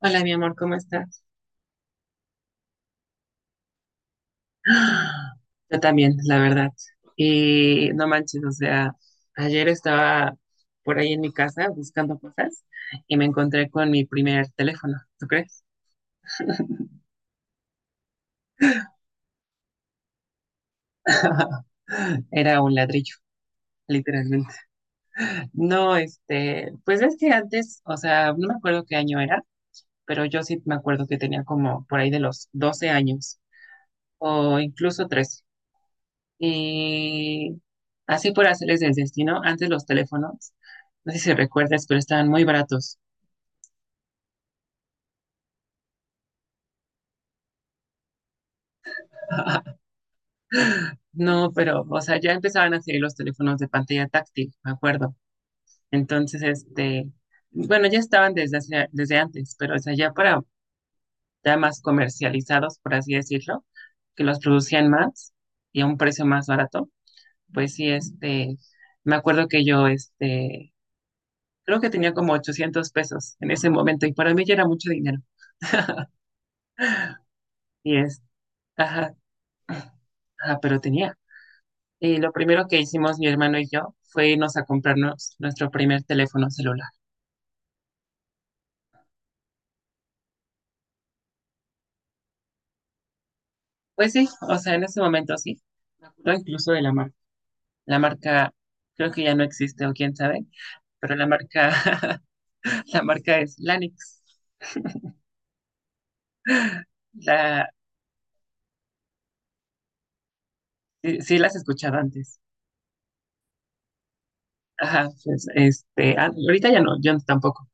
Hola, mi amor, ¿cómo estás? ¡Ah! Yo también, la verdad. Y no manches, o sea, ayer estaba por ahí en mi casa buscando cosas y me encontré con mi primer teléfono, ¿tú crees? Era un ladrillo, literalmente. No, pues es que antes, o sea, no me acuerdo qué año era, pero yo sí me acuerdo que tenía como por ahí de los 12 años o incluso 13. Y así por hacerles el destino, antes los teléfonos, no sé si recuerdas, pero estaban muy baratos. No, pero, o sea, ya empezaban a salir los teléfonos de pantalla táctil, me acuerdo. Entonces, bueno, ya estaban desde, desde antes, pero, o sea, ya para, ya más comercializados, por así decirlo, que los producían más y a un precio más barato, pues sí, me acuerdo que yo, creo que tenía como 800 pesos en ese momento y para mí ya era mucho dinero. Y ajá, ajá, pero tenía. Lo primero que hicimos mi hermano y yo fue irnos a comprarnos nuestro primer teléfono celular. Pues sí, o sea, en ese momento sí. Me acuerdo incluso de la marca. La marca creo que ya no existe o quién sabe, pero la marca, la marca es Lanix. La, sí, sí las escuchaba antes. Ajá, pues ahorita ya no, yo tampoco.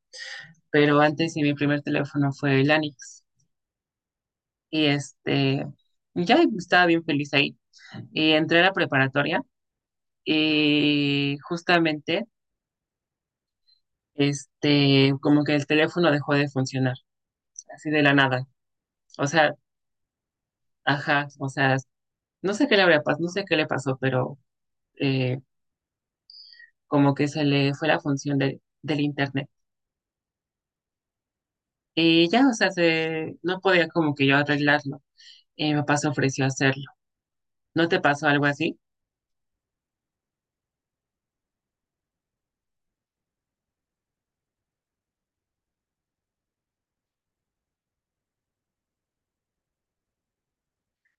Pero antes sí mi primer teléfono fue Lanix. Y ya estaba bien feliz ahí. Y entré a la preparatoria. Y justamente, como que el teléfono dejó de funcionar, así de la nada. O sea, ajá, o sea, no sé qué le habrá pasado, no sé qué le pasó, pero eh, como que se le fue la función del internet. Y ya, o sea, no podía como que yo arreglarlo. Y mi papá se ofreció a hacerlo. ¿No te pasó algo así?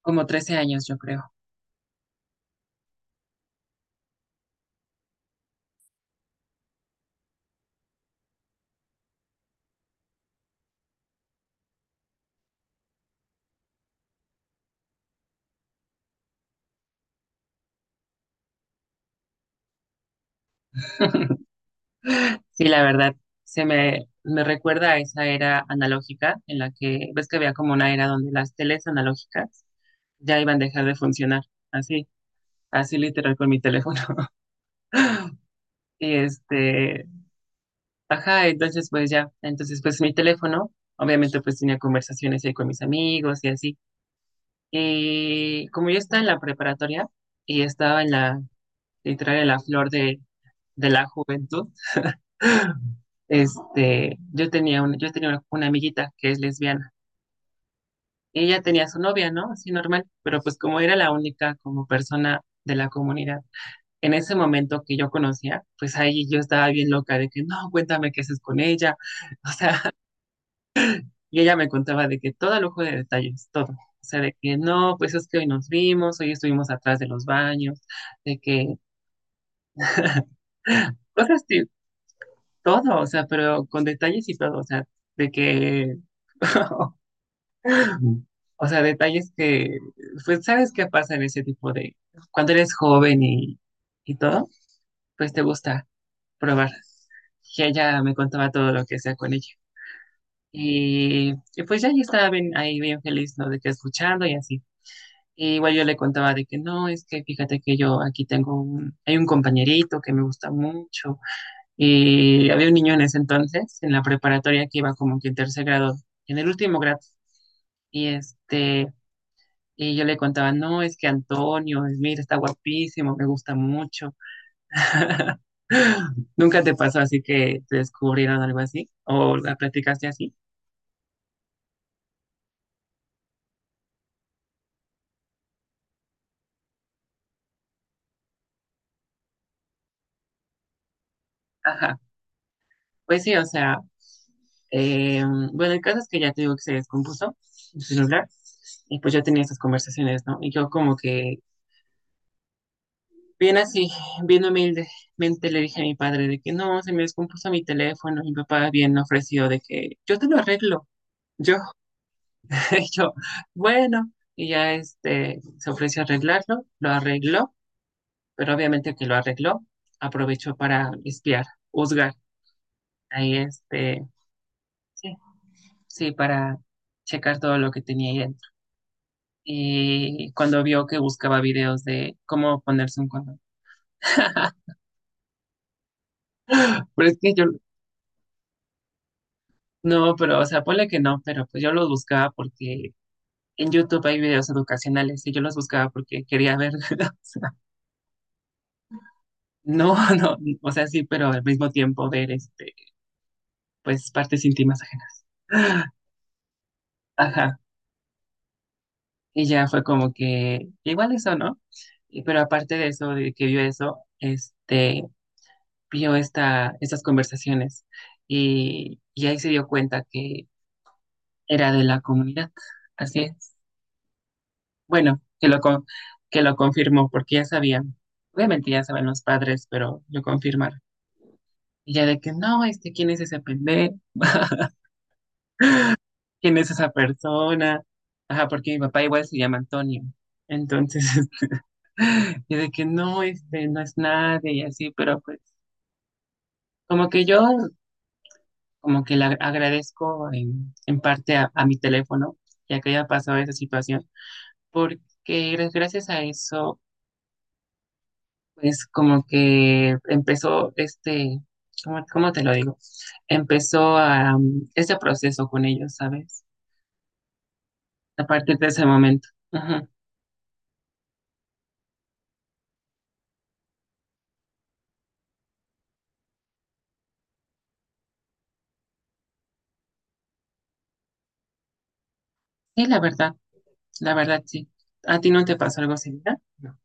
Como 13 años, yo creo. Sí, la verdad, me recuerda a esa era analógica en la que, ves que había como una era donde las teles analógicas ya iban a dejar de funcionar, así, así literal con mi teléfono. Y ajá, entonces pues ya, entonces pues mi teléfono, obviamente pues tenía conversaciones ahí con mis amigos y así. Y como yo estaba en la preparatoria y estaba en la, literal en la flor de la juventud, yo tenía una amiguita que es lesbiana. Ella tenía su novia, ¿no? Así normal, pero pues como era la única como persona de la comunidad en ese momento que yo conocía, pues ahí yo estaba bien loca de que no, cuéntame qué haces con ella, o sea, y ella me contaba de que todo lujo de detalles, todo, o sea, de que no, pues es que hoy nos vimos, hoy estuvimos atrás de los baños, de que cosas así, todo, o sea, pero con detalles y todo, o sea, de que o sea, detalles que, pues, ¿sabes qué pasa en ese tipo de, cuando eres joven y todo? Pues te gusta probar. Y ella me contaba todo lo que sea con ella. Y pues ya yo estaba ahí bien feliz, ¿no? De que escuchando y así. Y igual yo le contaba de que no, es que fíjate que yo aquí tengo un, hay un compañerito que me gusta mucho. Y había un niño en ese entonces, en la preparatoria que iba como que en tercer grado, en el último grado. Y y yo le contaba, no, es que Antonio, mira, está guapísimo, me gusta mucho. ¿Nunca te pasó así que te descubrieron algo así? ¿O la platicaste así? Ajá. Pues sí, o sea, eh, bueno, el caso es que ya te digo que se descompuso su celular y pues yo tenía esas conversaciones, ¿no? Y yo como que, bien así, bien humildemente le dije a mi padre de que no, se me descompuso mi teléfono, mi papá bien ofreció de que yo te lo arreglo. Yo, y yo, bueno, y ya se ofreció arreglarlo, lo arregló, pero obviamente que lo arregló, aprovechó para espiar, juzgar, ahí este, sí, sí, para checar todo lo que tenía ahí dentro. Y cuando vio que buscaba videos de cómo ponerse un condón. Pero es que yo, no, pero, o sea, ponle que no, pero pues yo los buscaba porque en YouTube hay videos educacionales y yo los buscaba porque quería ver, o sea, no, no, o sea, sí, pero al mismo tiempo ver pues partes íntimas ajenas. Ajá. Y ya fue como que igual eso, ¿no? Pero aparte de eso, de que vio eso, vio estas conversaciones y ahí se dio cuenta que era de la comunidad. Así es. Bueno, que lo confirmó porque ya sabían. Obviamente ya saben los padres, pero lo confirmaron. Y ya de que no, ¿quién es ese pendejo? Quién es esa persona. Ajá, porque mi papá igual se llama Antonio. Entonces, y de que no, no es nadie y así, pero pues como que yo como que le agradezco en parte a mi teléfono, ya que haya pasado esa situación, porque gracias a eso, pues como que empezó ¿cómo, cómo te lo digo? Empezó a, este proceso con ellos, ¿sabes? A partir de ese momento. Ujú. Sí, la verdad. La verdad sí. ¿A ti no te pasó algo similar? No.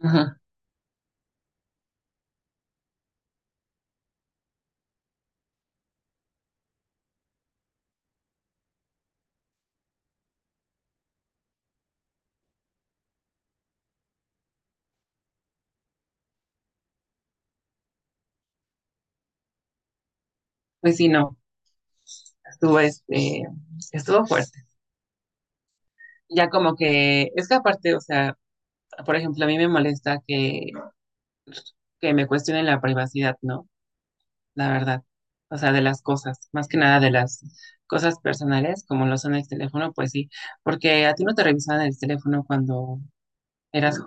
Ajá. Pues sí, no, estuvo, estuvo fuerte. Ya como que, es que aparte, o sea, por ejemplo, a mí me molesta que me cuestionen la privacidad, ¿no? La verdad. O sea, de las cosas, más que nada de las cosas personales, como lo son el teléfono, pues sí, porque a ti no te revisaban el teléfono cuando eras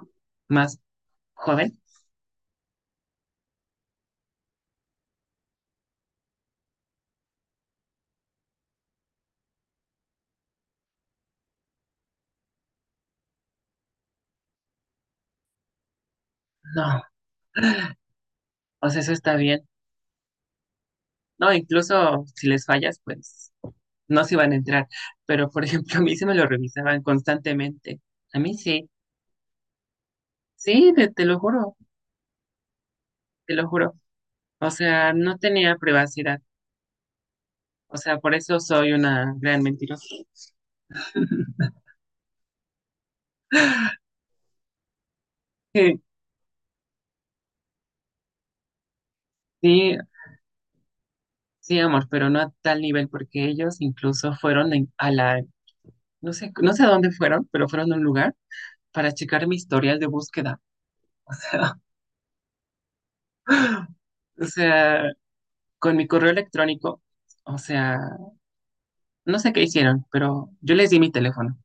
más joven. No, o sea, eso está bien. No, incluso si les fallas, pues no se iban a entrar, pero por ejemplo, a mí se me lo revisaban constantemente. A mí sí, sí, te lo juro, te lo juro. O sea, no tenía privacidad. O sea, por eso soy una gran mentirosa. Eh, sí, sí, amor, pero no a tal nivel, porque ellos incluso fueron a la, no sé, no sé a dónde fueron, pero fueron a un lugar para checar mi historial de búsqueda. O sea, o sea, con mi correo electrónico, o sea, no sé qué hicieron, pero yo les di mi teléfono.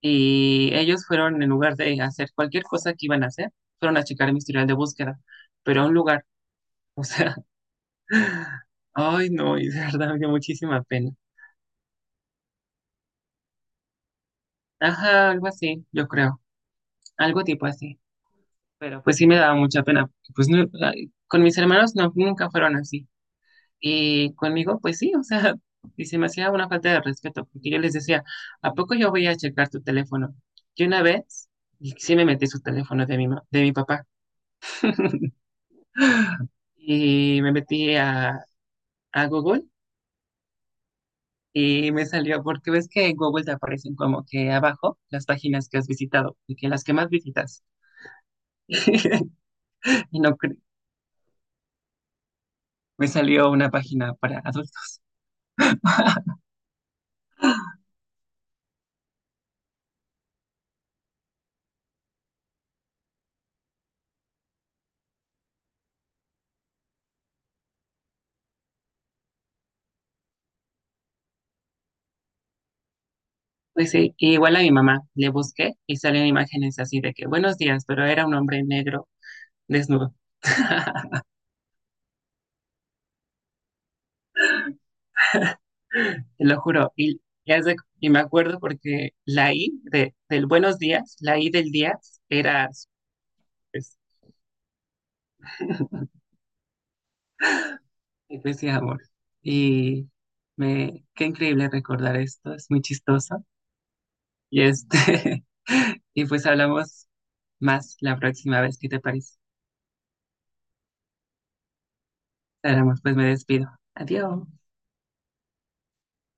Y ellos fueron, en lugar de hacer cualquier cosa que iban a hacer, fueron a checar mi historial de búsqueda, pero a un lugar, o sea, ay no, y de verdad me dio muchísima pena. Ajá, algo así, yo creo, algo tipo así, pero pues sí me daba mucha pena, porque, pues no, ay, con mis hermanos no, nunca fueron así, y conmigo pues sí, o sea, y se me hacía una falta de respeto, porque yo les decía, ¿a poco yo voy a checar tu teléfono? Y una vez, y sí me metí su teléfono de mi, de mi papá. Y me metí a Google y me salió, porque ves que en Google te aparecen como que abajo las páginas que has visitado y que las que más visitas. Y no cre- me salió una página para adultos. Pues sí, y igual a mi mamá le busqué y salían imágenes así de que buenos días, pero era un hombre negro desnudo, te lo juro. Y, y me acuerdo porque la I de, del buenos días, la I del día era pues, gracias amor. Y me, qué increíble recordar esto, es muy chistoso. Y y pues hablamos más la próxima vez, ¿qué te parece? Hablamos, pues me despido. Adiós.